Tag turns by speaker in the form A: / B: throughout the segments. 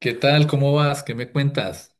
A: ¿Qué tal? ¿Cómo vas? ¿Qué me cuentas?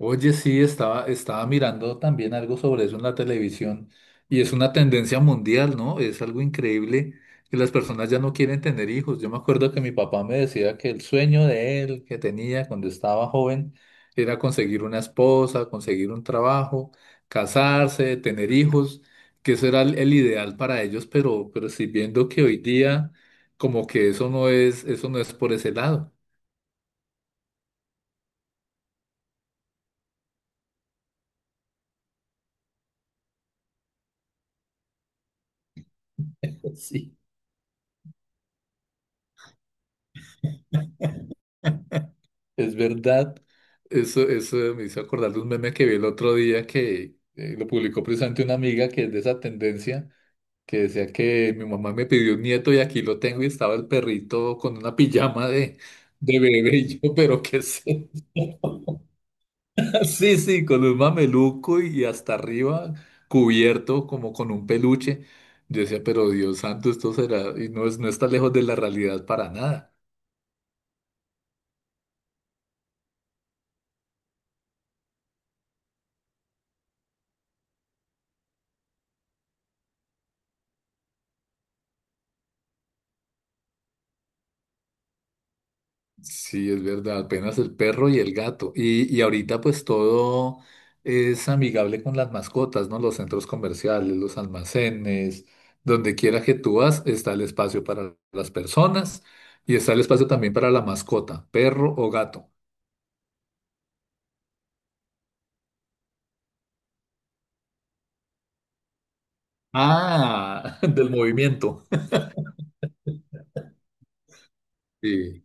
A: Oye, sí, estaba mirando también algo sobre eso en la televisión y es una tendencia mundial, ¿no? Es algo increíble que las personas ya no quieren tener hijos. Yo me acuerdo que mi papá me decía que el sueño de él que tenía cuando estaba joven era conseguir una esposa, conseguir un trabajo, casarse, tener hijos, que eso era el ideal para ellos, pero sí viendo que hoy día como que eso no es por ese lado. Sí. Es verdad, eso me hizo acordar de un meme que vi el otro día que lo publicó precisamente una amiga que es de esa tendencia, que decía que mi mamá me pidió un nieto y aquí lo tengo y estaba el perrito con una pijama de bebé y yo, pero qué sé. Sí, sí, con un mameluco y hasta arriba cubierto como con un peluche. Yo decía, pero Dios santo, esto será, y no es, no está lejos de la realidad para nada. Sí, es verdad, apenas el perro y el gato. Y ahorita pues todo es amigable con las mascotas, ¿no? Los centros comerciales, los almacenes, donde quiera que tú vas, está el espacio para las personas y está el espacio también para la mascota, perro o gato. Ah, del movimiento. Sí.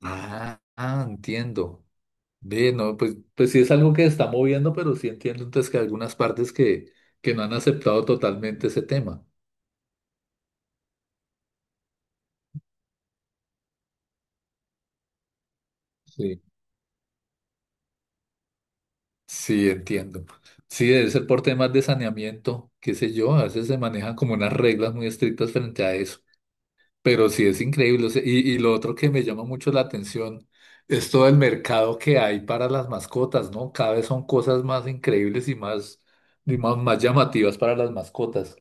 A: Ah, ah, entiendo. Ve, no, pues, pues sí es algo que está moviendo, pero sí entiendo entonces que hay algunas partes que no han aceptado totalmente ese tema. Sí. Sí, entiendo. Sí, debe ser por temas de saneamiento, qué sé yo, a veces se manejan como unas reglas muy estrictas frente a eso, pero sí es increíble. O sea, y lo otro que me llama mucho la atención es todo el mercado que hay para las mascotas, ¿no? Cada vez son cosas más increíbles y más, más llamativas para las mascotas.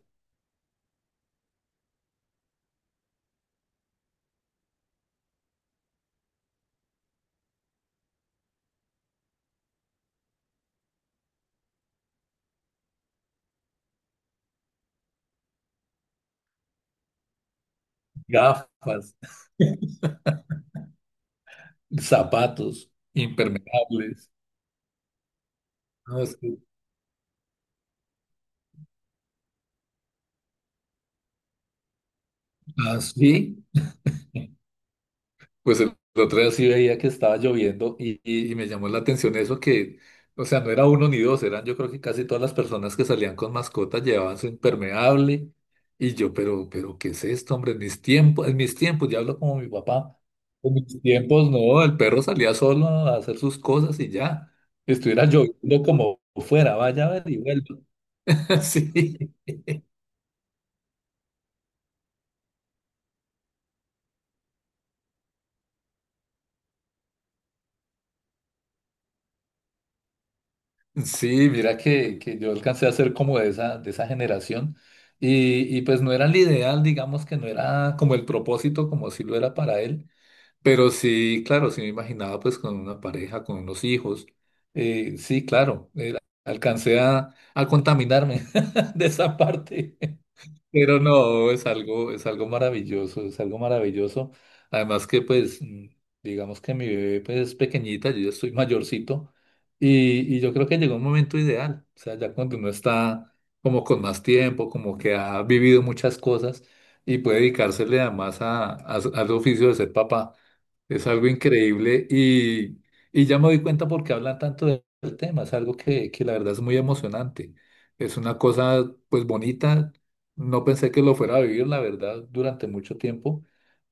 A: Gafas, zapatos, impermeables. ¿No? Es que... Ah, sí. Pues el otro día sí veía que estaba lloviendo y... y me llamó la atención eso que, o sea, no era uno ni dos, eran yo creo que casi todas las personas que salían con mascotas llevaban su impermeable y yo, pero, ¿qué es esto, hombre? En mis tiempos, ya hablo como mi papá, en mis tiempos no, el perro salía solo a hacer sus cosas y ya, estuviera lloviendo como fuera, vaya a ver y vuelva. Sí. Sí, mira que yo alcancé a ser como de esa generación y pues no era el ideal, digamos que no era como el propósito, como si lo era para él, pero sí, claro, sí me imaginaba pues con una pareja, con unos hijos, sí, claro, era... alcancé a contaminarme de esa parte. Pero no, es algo maravilloso, es algo maravilloso. Además que pues, mm, digamos que mi bebé pues es pequeñita, yo ya estoy mayorcito y yo creo que llegó un momento ideal. O sea, ya cuando uno está como con más tiempo, como que ha vivido muchas cosas y puede dedicársele además a... al oficio de ser papá. Es algo increíble y ya me doy cuenta por qué hablan tanto de... del tema. Es algo que la verdad es muy emocionante. Es una cosa pues bonita, no pensé que lo fuera a vivir, la verdad, durante mucho tiempo,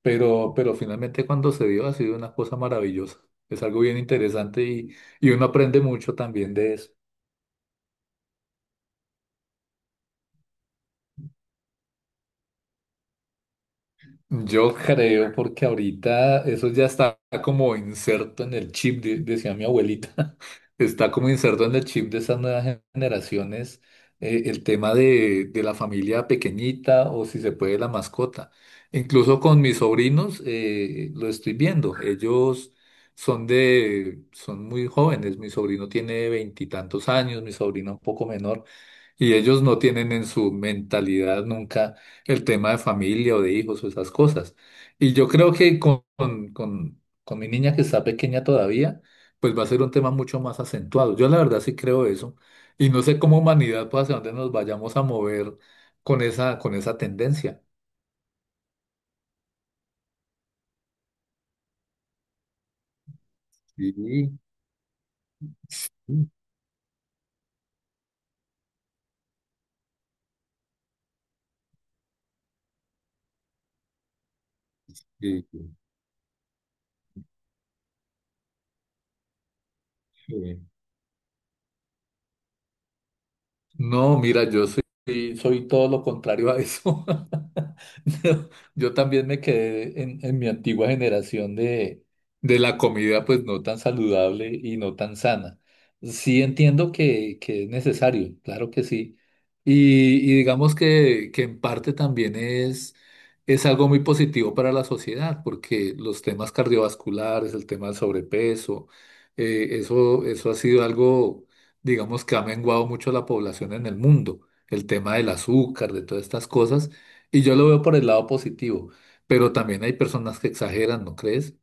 A: pero finalmente cuando se dio ha sido una cosa maravillosa. Es algo bien interesante y uno aprende mucho también de eso. Yo creo porque ahorita eso ya está como inserto en el chip, de... decía mi abuelita, está como inserto en el chip de esas nuevas generaciones, el tema de la familia pequeñita o si se puede la mascota. Incluso con mis sobrinos lo estoy viendo. Ellos son de, son muy jóvenes. Mi sobrino tiene veintitantos años, mi sobrino un poco menor. Y ellos no tienen en su mentalidad nunca el tema de familia o de hijos o esas cosas. Y yo creo que con mi niña que está pequeña todavía, pues va a ser un tema mucho más acentuado. Yo la verdad sí creo eso. Y no sé cómo humanidad, pues hacia dónde nos vayamos a mover con esa tendencia. Sí, sí, sí, sí. No, mira, yo soy, soy todo lo contrario a eso. No, yo también me quedé en mi antigua generación de la comida, pues no tan saludable y no tan sana. Sí entiendo que es necesario, claro que sí. Y digamos que en parte también es algo muy positivo para la sociedad, porque los temas cardiovasculares, el tema del sobrepeso, eso, eso ha sido algo, digamos que ha menguado mucho la población en el mundo, el tema del azúcar, de todas estas cosas, y yo lo veo por el lado positivo, pero también hay personas que exageran, ¿no crees?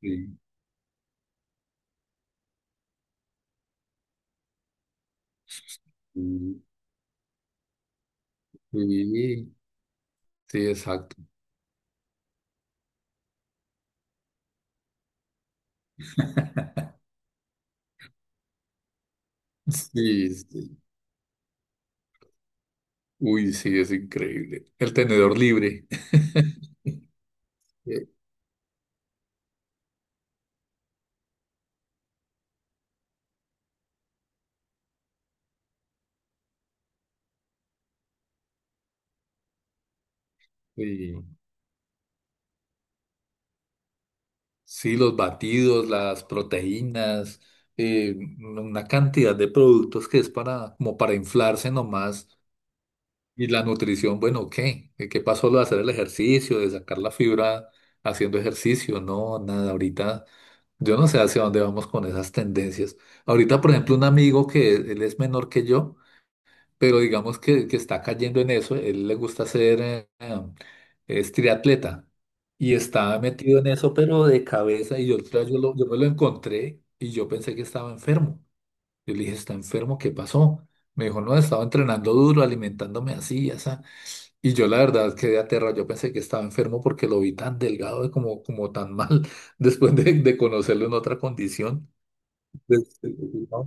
A: Sí, sí. Sí, sí, exacto. Sí, sí. Uy, sí, es increíble. El tenedor libre. Eh, sí, sí, los batidos, las proteínas, una cantidad de productos que es para, como para inflarse nomás. Y la nutrición, bueno, ¿qué? ¿Qué qué pasó lo de hacer el ejercicio, de sacar la fibra haciendo ejercicio? No, nada, ahorita yo no sé hacia dónde vamos con esas tendencias. Ahorita, por ejemplo, un amigo que él es menor que yo, pero digamos que está cayendo en eso, él le gusta hacer, es triatleta y está metido en eso, pero de cabeza, y yo, otra vez yo, lo... yo me lo encontré y yo pensé que estaba enfermo. Yo le dije, ¿está enfermo? ¿Qué pasó? Me dijo, no, estaba entrenando duro, alimentándome así, así. Y yo la verdad quedé aterrado, yo pensé que estaba enfermo porque lo vi tan delgado y como, como tan mal después de conocerlo en otra condición. Pues, no.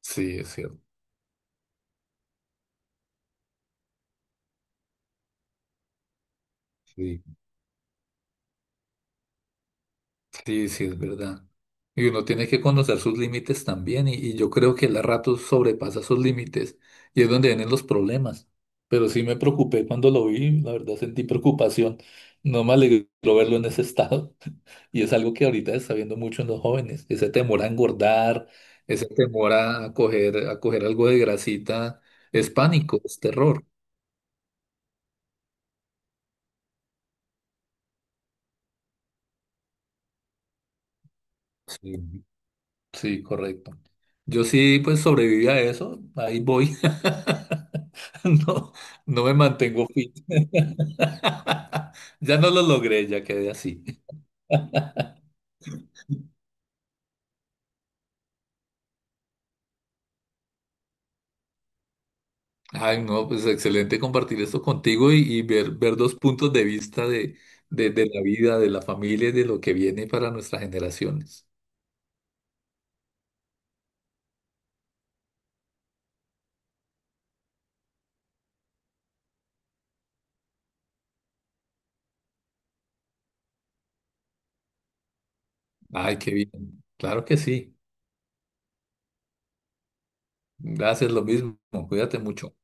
A: Sí, es cierto. Sí, sí, es verdad. Y uno tiene que conocer sus límites también, y yo creo que el rato sobrepasa sus límites, y es donde vienen los problemas. Pero sí me preocupé cuando lo vi, la verdad sentí preocupación. No me alegró verlo en ese estado, y es algo que ahorita se está viendo mucho en los jóvenes, ese temor a engordar, ese temor a coger algo de grasita, es pánico, es terror. Sí. Sí, correcto. Yo sí, pues sobreviví a eso, ahí voy. No, no me mantengo fit. Ya no lo logré, ya quedé así. Ay, no, pues excelente compartir esto contigo y ver, ver dos puntos de vista de la vida, de la familia y de lo que viene para nuestras generaciones. Ay, qué bien. Claro que sí. Gracias, lo mismo. Cuídate mucho.